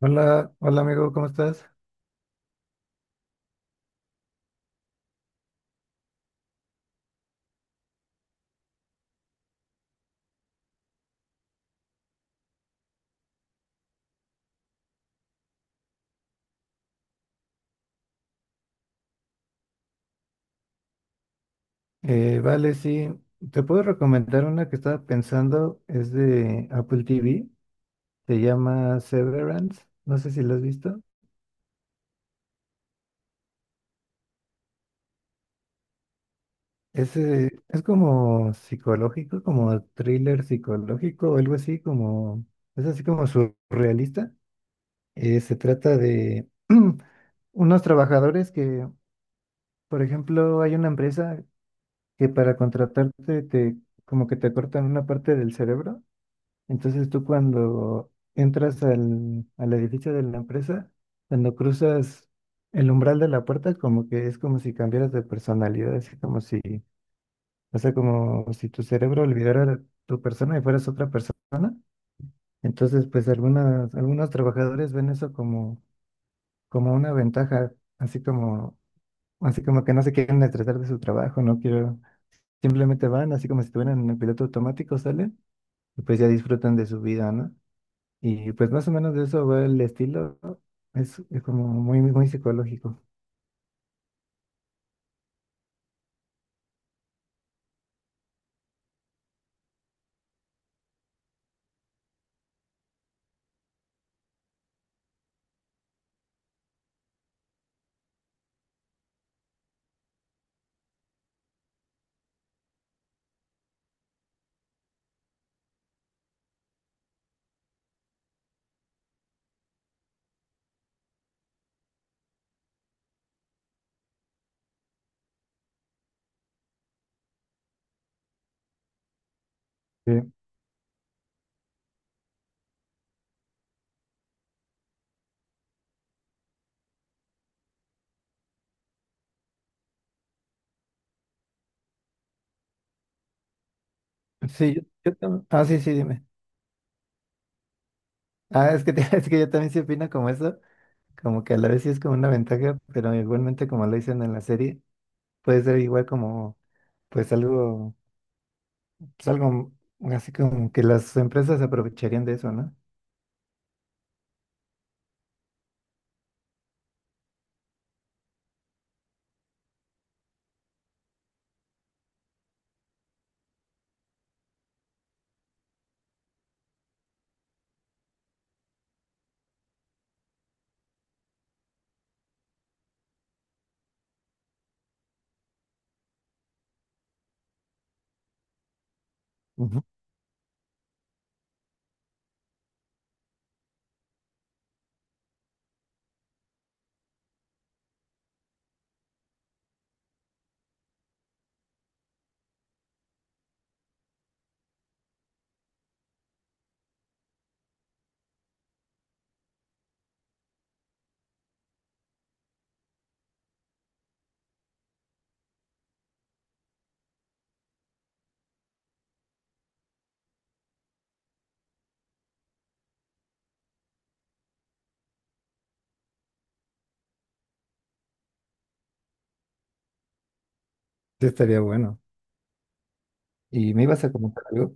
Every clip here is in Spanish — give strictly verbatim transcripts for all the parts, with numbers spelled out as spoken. Hola, hola amigo, ¿cómo estás? Eh, vale, sí, te puedo recomendar una que estaba pensando, es de Apple T V, se llama Severance, no sé si la has visto. Es, eh, es como psicológico, como thriller psicológico o algo así, como, es así como surrealista. Eh, se trata de unos trabajadores que, por ejemplo, hay una empresa que para contratarte te, como que te cortan una parte del cerebro. Entonces tú cuando entras al, al edificio de la empresa, cuando cruzas el umbral de la puerta, como que es como si cambiaras de personalidad, así como si, o sea, como si tu cerebro olvidara tu persona y fueras otra persona. Entonces, pues algunas, algunos trabajadores ven eso como, como una ventaja, así como, así como que no se quieren estresar de su trabajo, no quiero, simplemente van, así como si estuvieran en el piloto automático, salen y pues ya disfrutan de su vida, ¿no? Y pues más o menos de eso va el estilo, ¿no? Es, es como muy, muy psicológico. Sí, sí, yo, yo tam- ah, sí, sí, dime. Ah, es que, te- es que yo también sí opino como eso. Como que a la vez sí es como una ventaja, pero igualmente como lo dicen en la serie, puede ser igual como, pues algo, pues algo así como que las empresas aprovecharían de eso, ¿no? Ujú. Sí, estaría bueno. ¿Y me ibas a comentar algo?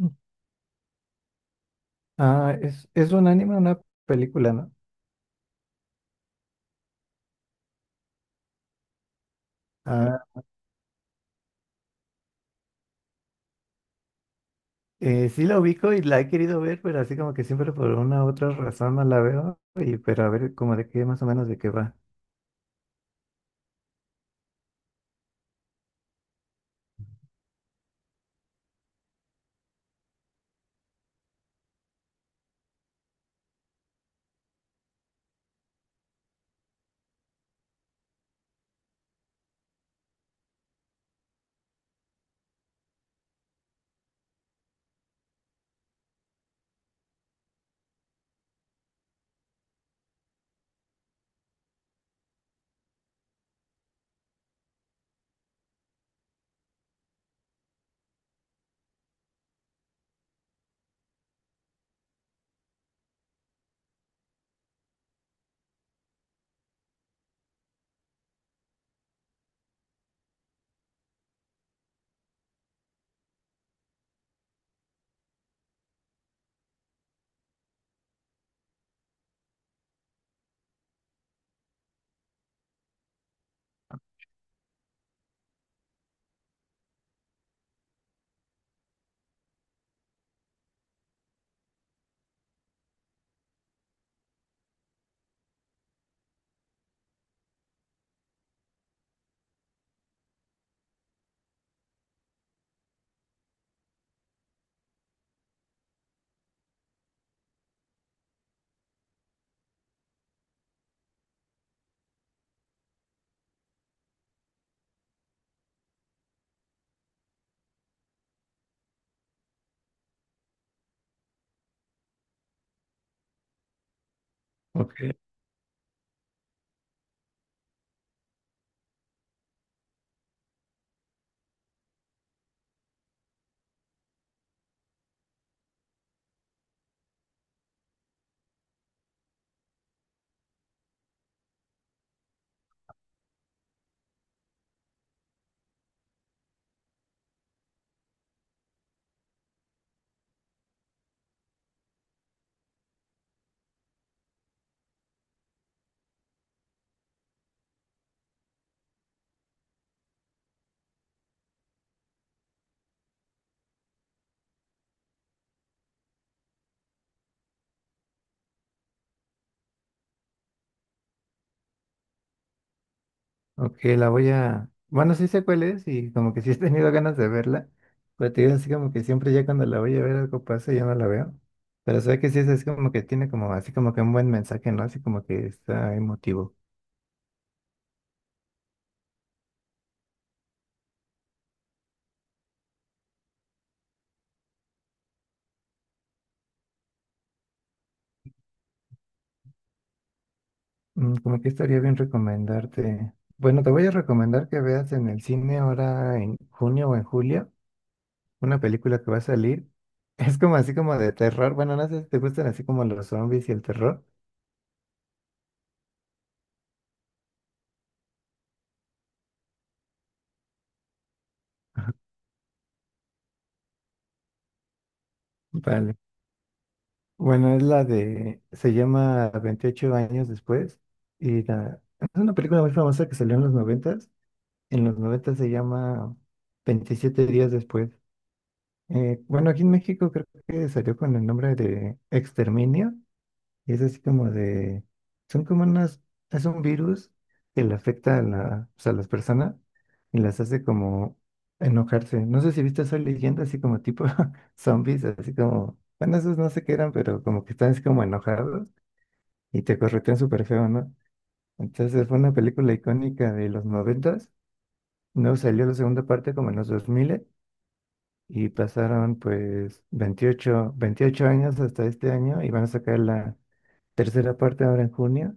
Mm. Ah, es, es un anime, una película, ¿no? Ah, Eh, sí la ubico y la he querido ver, pero así como que siempre por una u otra razón no la veo. Y, pero a ver como de qué más o menos de qué va. Ok, ok, la voy a... Bueno, sí sé cuál es y como que sí he tenido ganas de verla. Pero te digo así como que siempre ya cuando la voy a ver algo pasa y ya no la veo. Pero sé que sí es así como que tiene como así como que un buen mensaje, ¿no? Así como que está emotivo. Mm, como que estaría bien recomendarte. Bueno, te voy a recomendar que veas en el cine ahora en junio o en julio. Una película que va a salir. Es como así como de terror. Bueno, no sé si te gustan así como los zombies y el terror. Vale. Bueno, es la de, se llama veintiocho años después. Y la- es una película muy famosa que salió en los noventas. En los noventas se llama veintisiete días después. Eh, bueno, aquí en México creo que salió con el nombre de Exterminio. Y es así como de, son como unas, es un virus que le afecta a, la, pues, a las personas y las hace como enojarse. No sé si viste Soy Leyenda, así como tipo zombies, así como, bueno, esos no sé qué eran, pero como que están así como enojados y te corretean súper feo, ¿no? Entonces fue una película icónica de los noventas, no salió la segunda parte como en los dos mil y pasaron pues veintiocho veintiocho años hasta este año y van a sacar la tercera parte ahora en junio.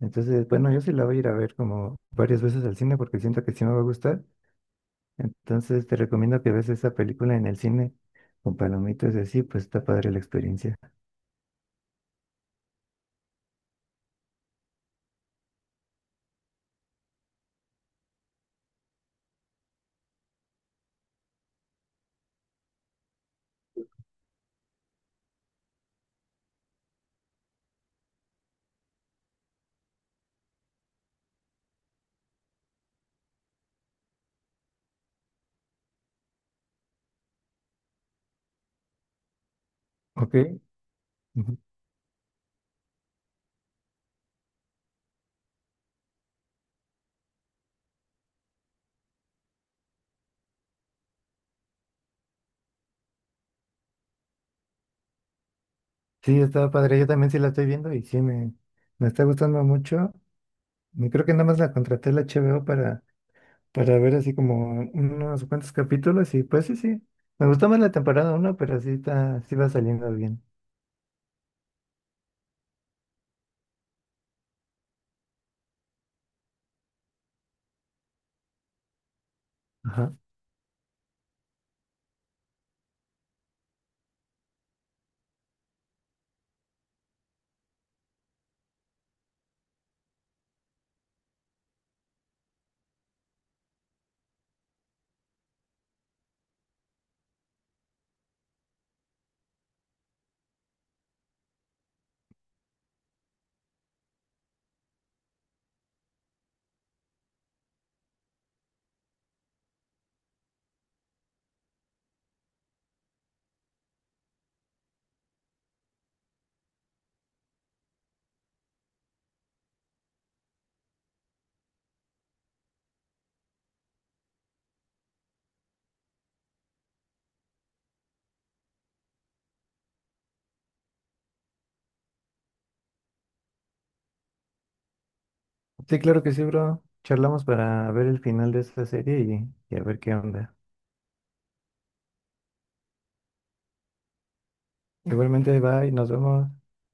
Entonces, bueno, yo sí la voy a ir a ver como varias veces al cine porque siento que sí me va a gustar. Entonces, te recomiendo que veas esa película en el cine con palomitas y así, pues está padre la experiencia. Ok. Ujú. Sí, está padre. Yo también sí la estoy viendo y sí me, me está gustando mucho. Y creo que nada más la contraté la H B O para, para ver así como unos cuantos capítulos y pues sí, sí. Me gustó más la temporada uno pero sí está, sí va saliendo bien. Ajá. Sí, claro que sí, bro. Charlamos para ver el final de esta serie y, y a ver qué onda. Igualmente, bye, nos vemos.